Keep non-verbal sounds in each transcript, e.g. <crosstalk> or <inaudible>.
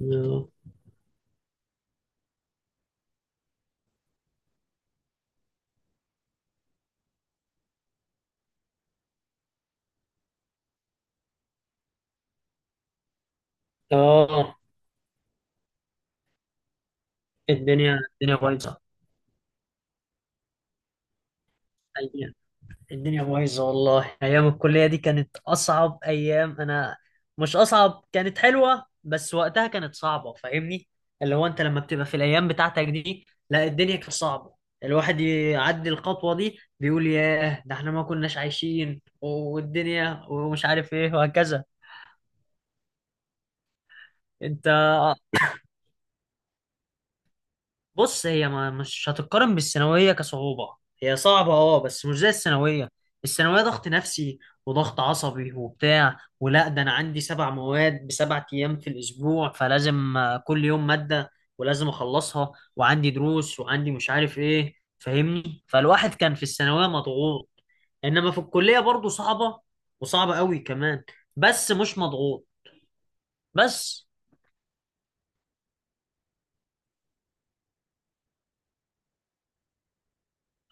اه. آه، الدنيا بايظه. أيام- الدنيا بايظه والله، ايام الكليه دي كانت اصعب ايام. انا مش اصعب، كانت حلوه، بس وقتها كانت صعبه. فاهمني؟ اللي هو انت لما بتبقى في الايام بتاعتك دي، لا الدنيا كانت صعبه. الواحد يعدي الخطوه دي بيقول ياه، ده احنا ما كناش عايشين والدنيا ومش عارف ايه وهكذا. انت بص، هي ما مش هتتقارن بالثانوية كصعوبة. هي صعبة اه، بس مش زي الثانوية. الثانوية ضغط نفسي وضغط عصبي وبتاع، ولا ده انا عندي سبع مواد بسبع ايام في الاسبوع، فلازم كل يوم مادة، ولازم اخلصها، وعندي دروس، وعندي مش عارف ايه. فاهمني؟ فالواحد كان في الثانوية مضغوط، انما في الكلية برضو صعبة. وصعبة قوي كمان، بس مش مضغوط بس.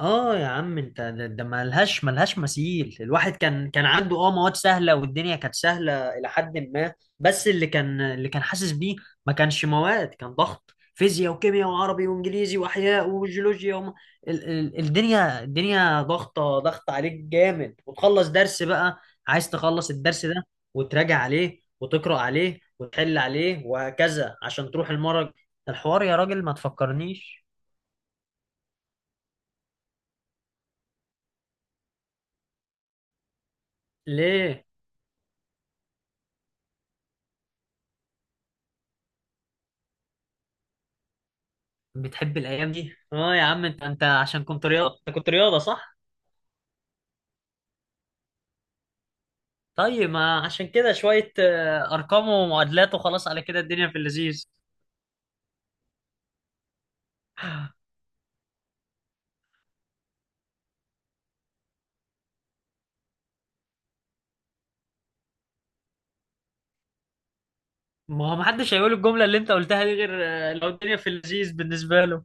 اه يا عم، انت ده ملهاش مثيل. الواحد كان عنده اه مواد سهله، والدنيا كانت سهله الى حد ما. بس اللي كان حاسس بيه، ما كانش مواد، كان ضغط: فيزياء وكيمياء وعربي وانجليزي واحياء وجيولوجيا الدنيا ضغط عليك جامد. وتخلص درس بقى، عايز تخلص الدرس ده وتراجع عليه وتقرا عليه وتحل عليه وهكذا عشان تروح المرج. الحوار يا راجل، ما تفكرنيش. ليه بتحب الايام دي؟ اه يا عم، انت عشان كنت رياضه، انت كنت رياضه صح؟ طيب ما عشان كده شويه ارقام ومعادلات وخلاص، على كده الدنيا في اللذيذ. ما هو محدش هيقول الجمله اللي انت قلتها دي غير لو الدنيا في اللذيذ بالنسبه له.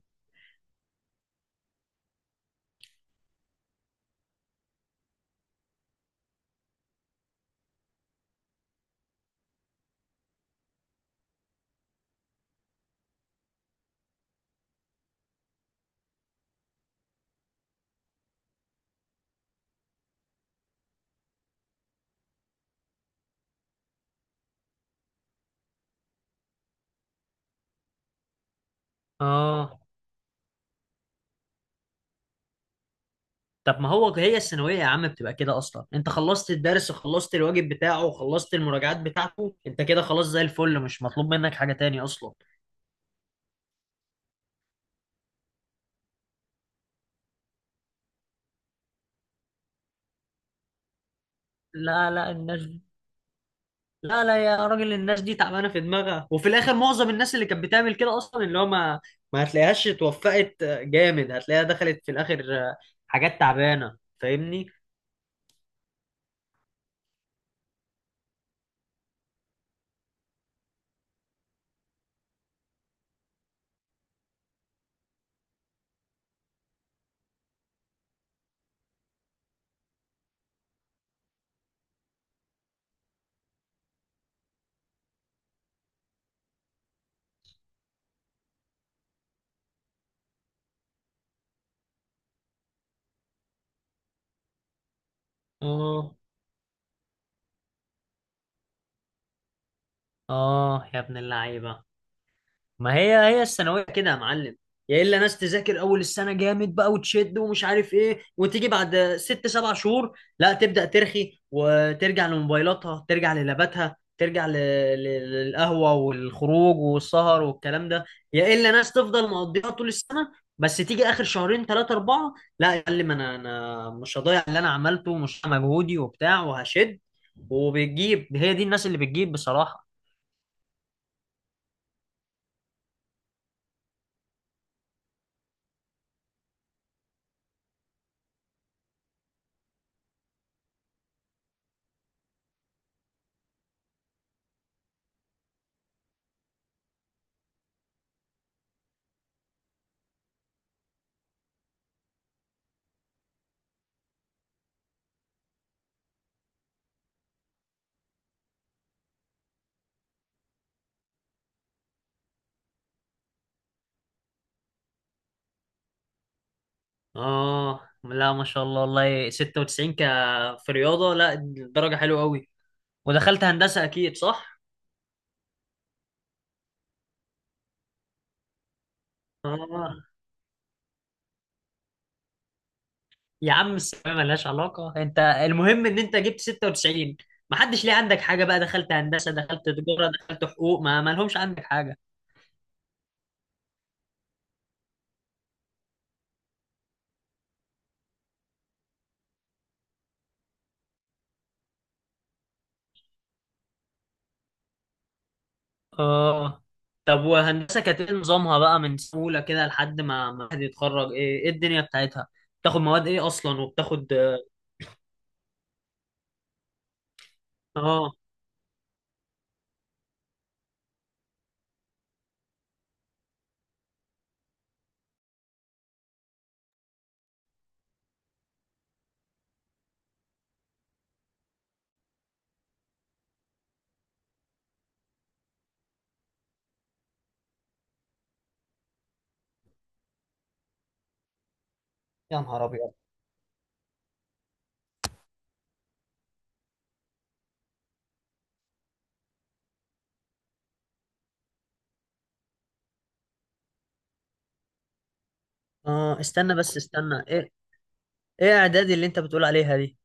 اه. طب ما هو هي الثانويه يا عم بتبقى كده اصلا، انت خلصت الدرس وخلصت الواجب بتاعه وخلصت المراجعات بتاعته، انت كده خلاص زي الفل، مش مطلوب منك حاجه تاني اصلا. لا لا الناس، لا لا يا راجل، الناس دي تعبانه في دماغها، وفي الاخر معظم الناس اللي كانت بتعمل كده اصلا، اللي هو ما هتلاقيهاش اتوفقت جامد، هتلاقيها دخلت في الاخر حاجات تعبانه. فاهمني؟ اه. اه يا ابن اللعيبه، ما هي هي الثانويه كده يا معلم. يا الا ناس تذاكر اول السنه جامد بقى وتشد ومش عارف ايه، وتيجي بعد ست سبع شهور لا تبدا ترخي وترجع لموبايلاتها، ترجع للاباتها، ترجع للقهوه والخروج والسهر والكلام ده. يا الا ناس تفضل مقضيها طول السنه، بس تيجي اخر شهرين ثلاثه اربعه لا يا معلم، انا مش هضيع اللي انا عملته، ومش هضيع مجهودي وبتاع، وهشد. وبتجيب، هي دي الناس اللي بتجيب بصراحه. اه، لا ما شاء الله والله، 96 ك؟ في رياضة؟ لا درجة حلوة قوي. ودخلت هندسة اكيد صح؟ اه يا عم، الثانوية ملهاش علاقة، انت المهم ان انت جبت 96. ما حدش ليه عندك حاجة بقى، دخلت هندسة، دخلت تجارة، دخلت حقوق، ما لهمش عندك حاجة. اه. طب وهندسة كانت ايه نظامها بقى، من سهولة كده لحد ما حد يتخرج؟ ايه الدنيا بتاعتها؟ بتاخد مواد ايه اصلا، وبتاخد؟ اه يا نهار ابيض. اه استنى بس، استنى. ايه؟ ايه اعدادي اللي انت بتقول عليها دي؟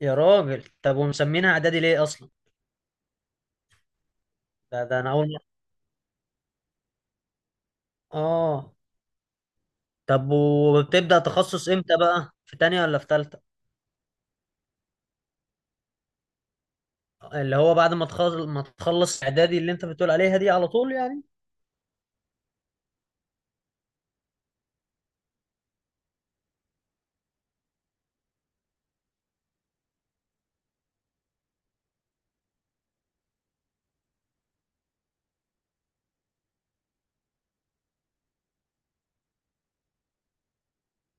يا راجل، طب ومسمينها اعدادي ليه اصلا؟ ده انا اول مره. اه. طب وبتبدا تخصص امتى بقى، في تانية ولا في تالتة؟ اللي هو بعد ما تخلص اعدادي اللي انت بتقول عليها دي على طول يعني؟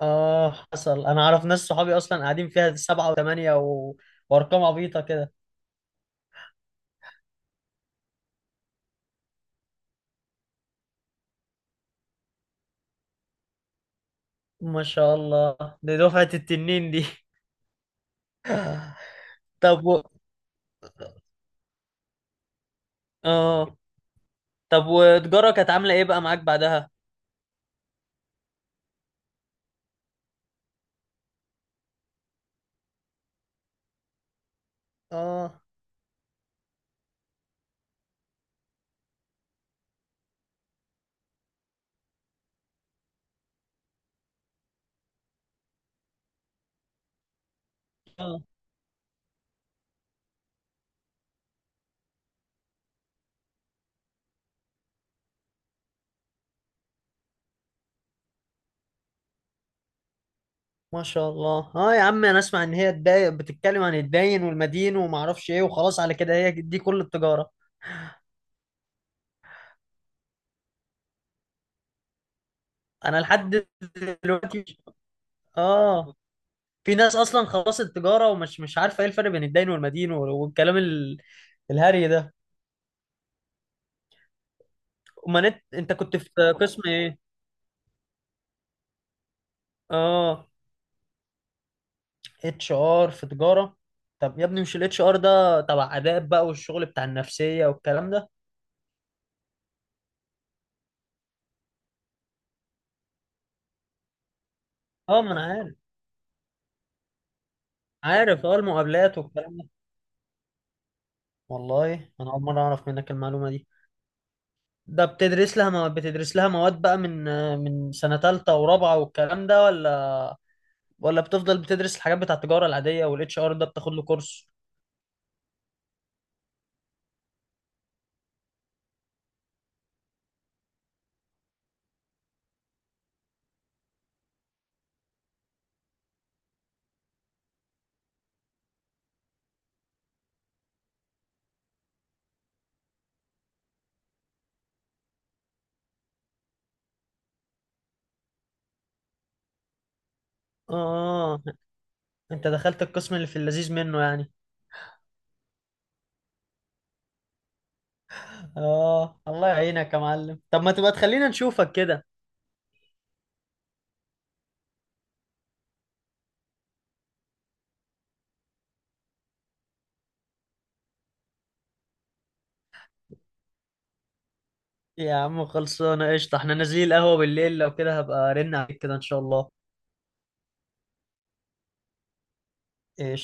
اه حصل. انا اعرف ناس صحابي اصلا قاعدين فيها سبعة وثمانية وارقام عبيطه كده. ما شاء الله، دي دفعه التنين دي. <laughs> طب و... اه. طب وتجاره كانت عامله ايه بقى معاك بعدها؟ اه ما شاء الله. اه يا عم، انا اسمع ان هي تباين بتتكلم عن الداين والمدين وما اعرفش ايه، وخلاص على كده هي دي كل التجاره. انا لحد دلوقتي. اه. في ناس اصلا خلاص التجاره، ومش مش عارفه ايه الفرق بين الداين والمدين والكلام الهري ده. امال انت كنت في قسم ايه؟ اه، اتش ار في تجاره؟ طب يا ابني مش الاتش ار ده تبع اداب بقى، والشغل بتاع النفسيه والكلام ده؟ اه ما انا عارف. عارف اه، المقابلات والكلام ده. والله انا اول مره اعرف منك المعلومه دي. ده بتدرس لها مواد؟ بتدرس لها مواد بقى من سنة تالتة ورابعة والكلام ده؟ ولا بتفضل بتدرس الحاجات بتاع التجارة العادية، والاتش ار ده بتاخد له كورس؟ اه، انت دخلت القسم اللي في اللذيذ منه يعني. اه، الله يعينك يا معلم. طب ما تبقى تخلينا نشوفك كده. يا عم خلصانة قشطة، احنا نازلين القهوة بالليل، لو كده هبقى ارن عليك كده ان شاء الله.